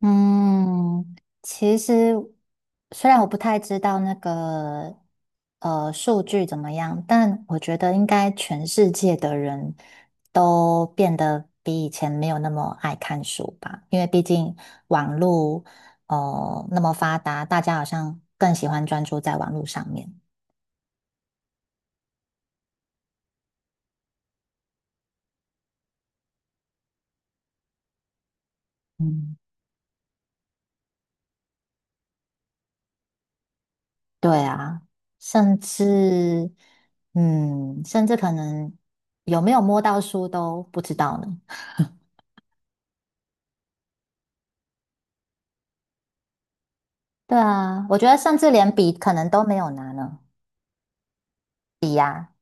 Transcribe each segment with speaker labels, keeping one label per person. Speaker 1: 嗯，其实虽然我不太知道那个数据怎么样，但我觉得应该全世界的人都变得比以前没有那么爱看书吧，因为毕竟网络哦那么发达，大家好像更喜欢专注在网络上面。嗯，对啊，甚至甚至可能有没有摸到书都不知道呢。对啊，我觉得甚至连笔可能都没有拿呢。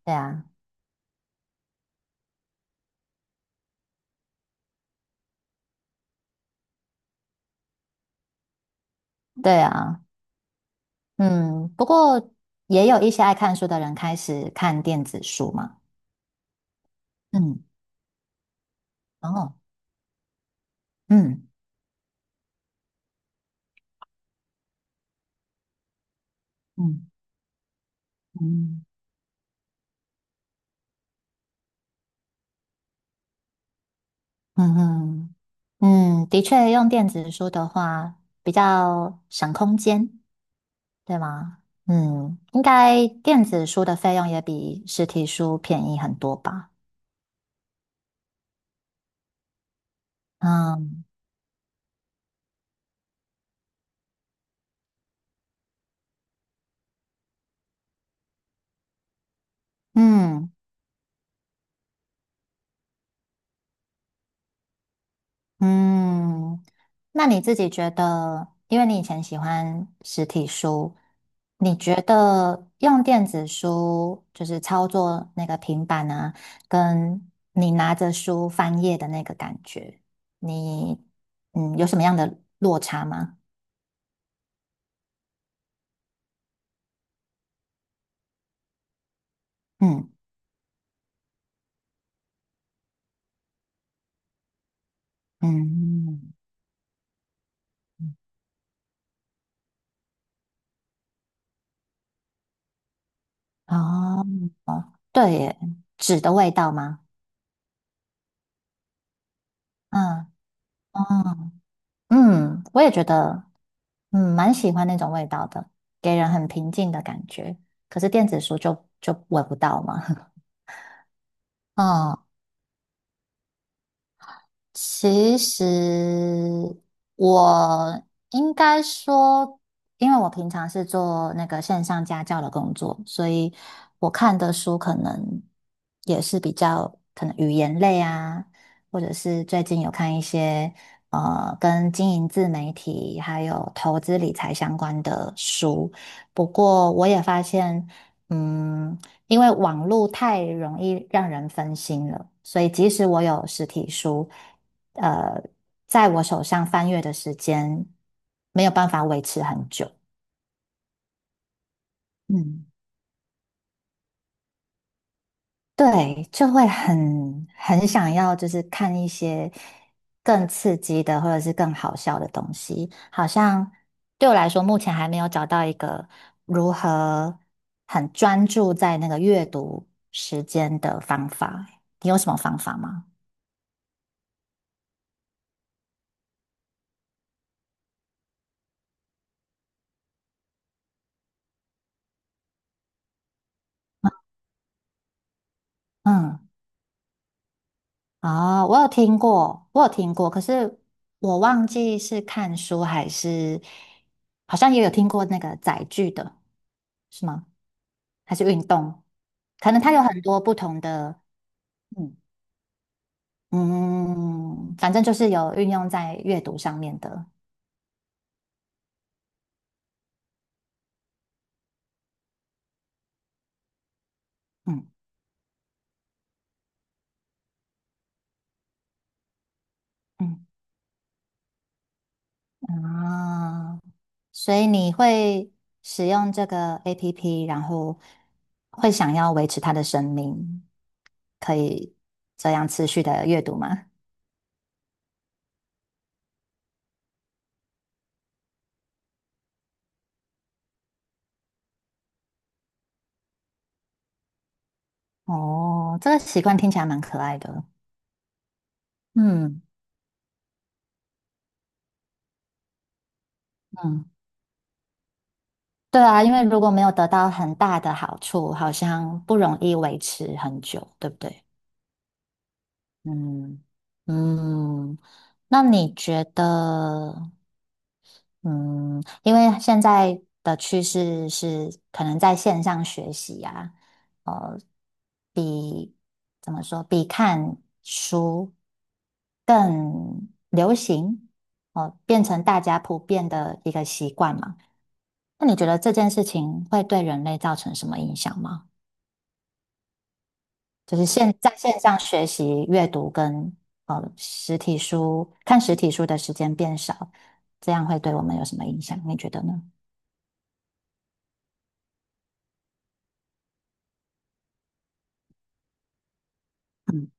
Speaker 1: 对啊，对啊，嗯，不过也有一些爱看书的人开始看电子书嘛。嗯。哦。嗯嗯嗯嗯嗯。的确，用电子书的话比较省空间，对吗？应该电子书的费用也比实体书便宜很多吧？嗯嗯。嗯，那你自己觉得，因为你以前喜欢实体书，你觉得用电子书就是操作那个平板啊，跟你拿着书翻页的那个感觉，你有什么样的落差吗？嗯嗯。哦。对耶，纸的味道吗？嗯哦，我也觉得。蛮喜欢那种味道的，给人很平静的感觉。可是电子书就闻不到嘛。哦，其实我应该说，因为我平常是做那个线上家教的工作，所以我看的书可能也是比较可能语言类啊，或者是最近有看一些跟经营自媒体还有投资理财相关的书。不过我也发现，嗯，因为网络太容易让人分心了，所以即使我有实体书。呃，在我手上翻阅的时间没有办法维持很久。嗯，对，就会很想要，就是看一些更刺激的或者是更好笑的东西。好像对我来说，目前还没有找到一个如何很专注在那个阅读时间的方法。你有什么方法吗？嗯哦，我有听过，我有听过，可是我忘记是看书还是，好像也有听过那个载具的，是吗？还是运动？可能它有很多不同的，嗯嗯，反正就是有运用在阅读上面的，嗯嗯啊，所以你会使用这个 APP，然后会想要维持它的生命，可以这样持续的阅读吗？哦，这个习惯听起来蛮可爱的。嗯嗯，对啊，因为如果没有得到很大的好处，好像不容易维持很久，对不对？嗯嗯，那你觉得？嗯，因为现在的趋势是可能在线上学习啊，呃，比怎么说，比看书更流行，哦，变成大家普遍的一个习惯嘛。那你觉得这件事情会对人类造成什么影响吗？就是现在线上学习阅读跟实体书看实体书的时间变少，这样会对我们有什么影响？你觉得呢？嗯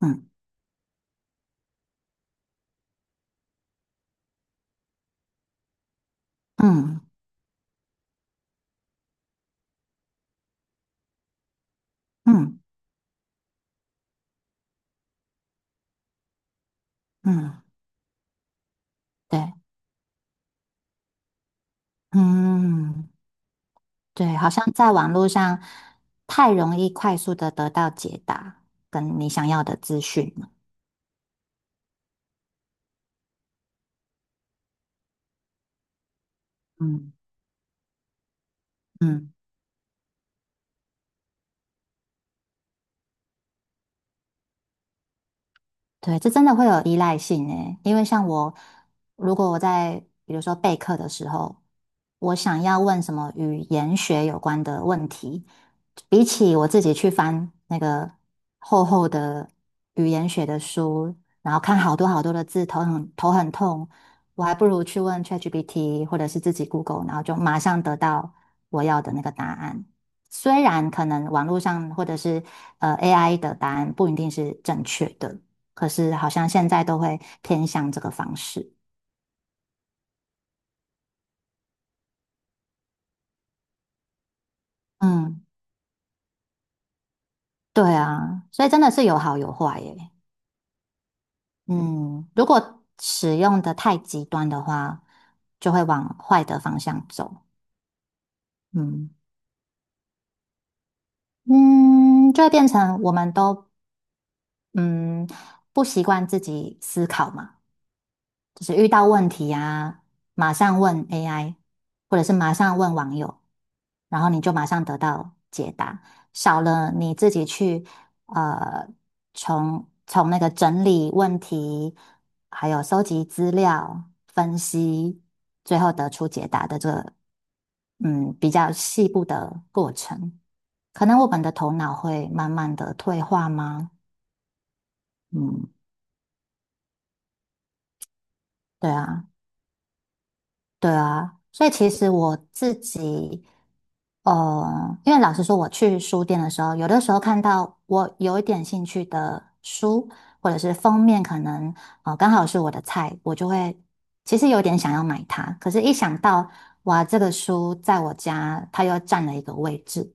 Speaker 1: 嗯。嗯嗯嗯。对。嗯对，好像在网络上太容易快速的得到解答，跟你想要的资讯了。嗯嗯。对，这真的会有依赖性诶，因为像我，如果我在比如说备课的时候，我想要问什么语言学有关的问题，比起我自己去翻那个厚厚的语言学的书，然后看好多好多的字，头很痛，我还不如去问 ChatGPT 或者是自己 Google，然后就马上得到我要的那个答案。虽然可能网络上或者是AI 的答案不一定是正确的。可是好像现在都会偏向这个方式。嗯，对啊，所以真的是有好有坏耶。嗯，如果使用的太极端的话，就会往坏的方向走。嗯嗯，就会变成我们都嗯不习惯自己思考嘛。就是遇到问题啊，马上问 AI，或者是马上问网友，然后你就马上得到解答，少了你自己去呃从那个整理问题，还有收集资料、分析，最后得出解答的这个比较细部的过程，可能我们的头脑会慢慢的退化吗？嗯，对啊。对啊，所以其实我自己哦，因为老实说，我去书店的时候，有的时候看到我有一点兴趣的书，或者是封面可能刚好是我的菜，我就会其实有点想要买它。可是，一想到哇，这个书在我家它又占了一个位置，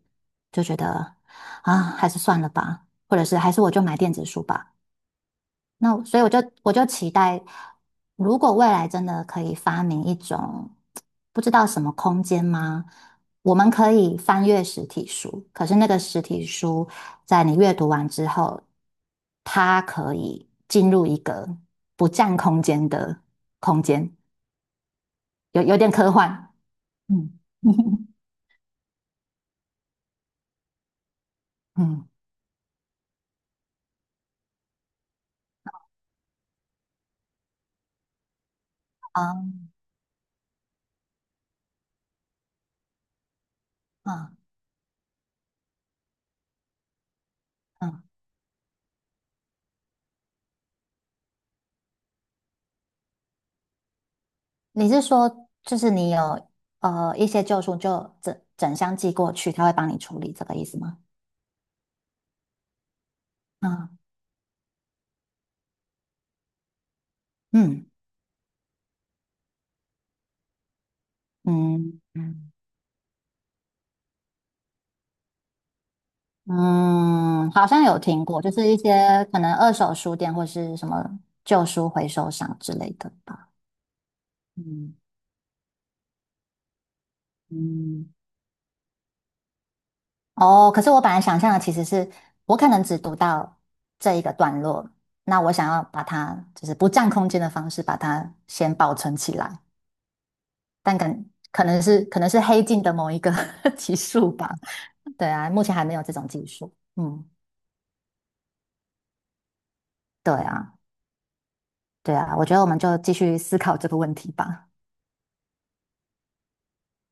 Speaker 1: 就觉得啊，还是算了吧，或者是还是我就买电子书吧。所以我就期待，如果未来真的可以发明一种不知道什么空间吗？我们可以翻阅实体书，可是那个实体书在你阅读完之后，它可以进入一个不占空间的空间，有点科幻。嗯 嗯，啊啊嗯，你是说就是你有一些旧书就整整箱寄过去，他会帮你处理这个意思吗？啊。嗯嗯嗯。嗯，好像有听过，就是一些可能二手书店或是什么旧书回收商之类的吧。嗯嗯，哦，可是我本来想象的其实是我可能只读到这一个段落，那我想要把它就是不占空间的方式把它先保存起来，但可能是黑镜的某一个 集数吧。对啊，目前还没有这种技术。嗯，对啊。对啊，我觉得我们就继续思考这个问题吧。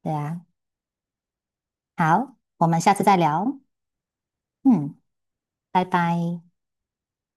Speaker 1: 对啊，好，我们下次再聊。嗯，拜拜。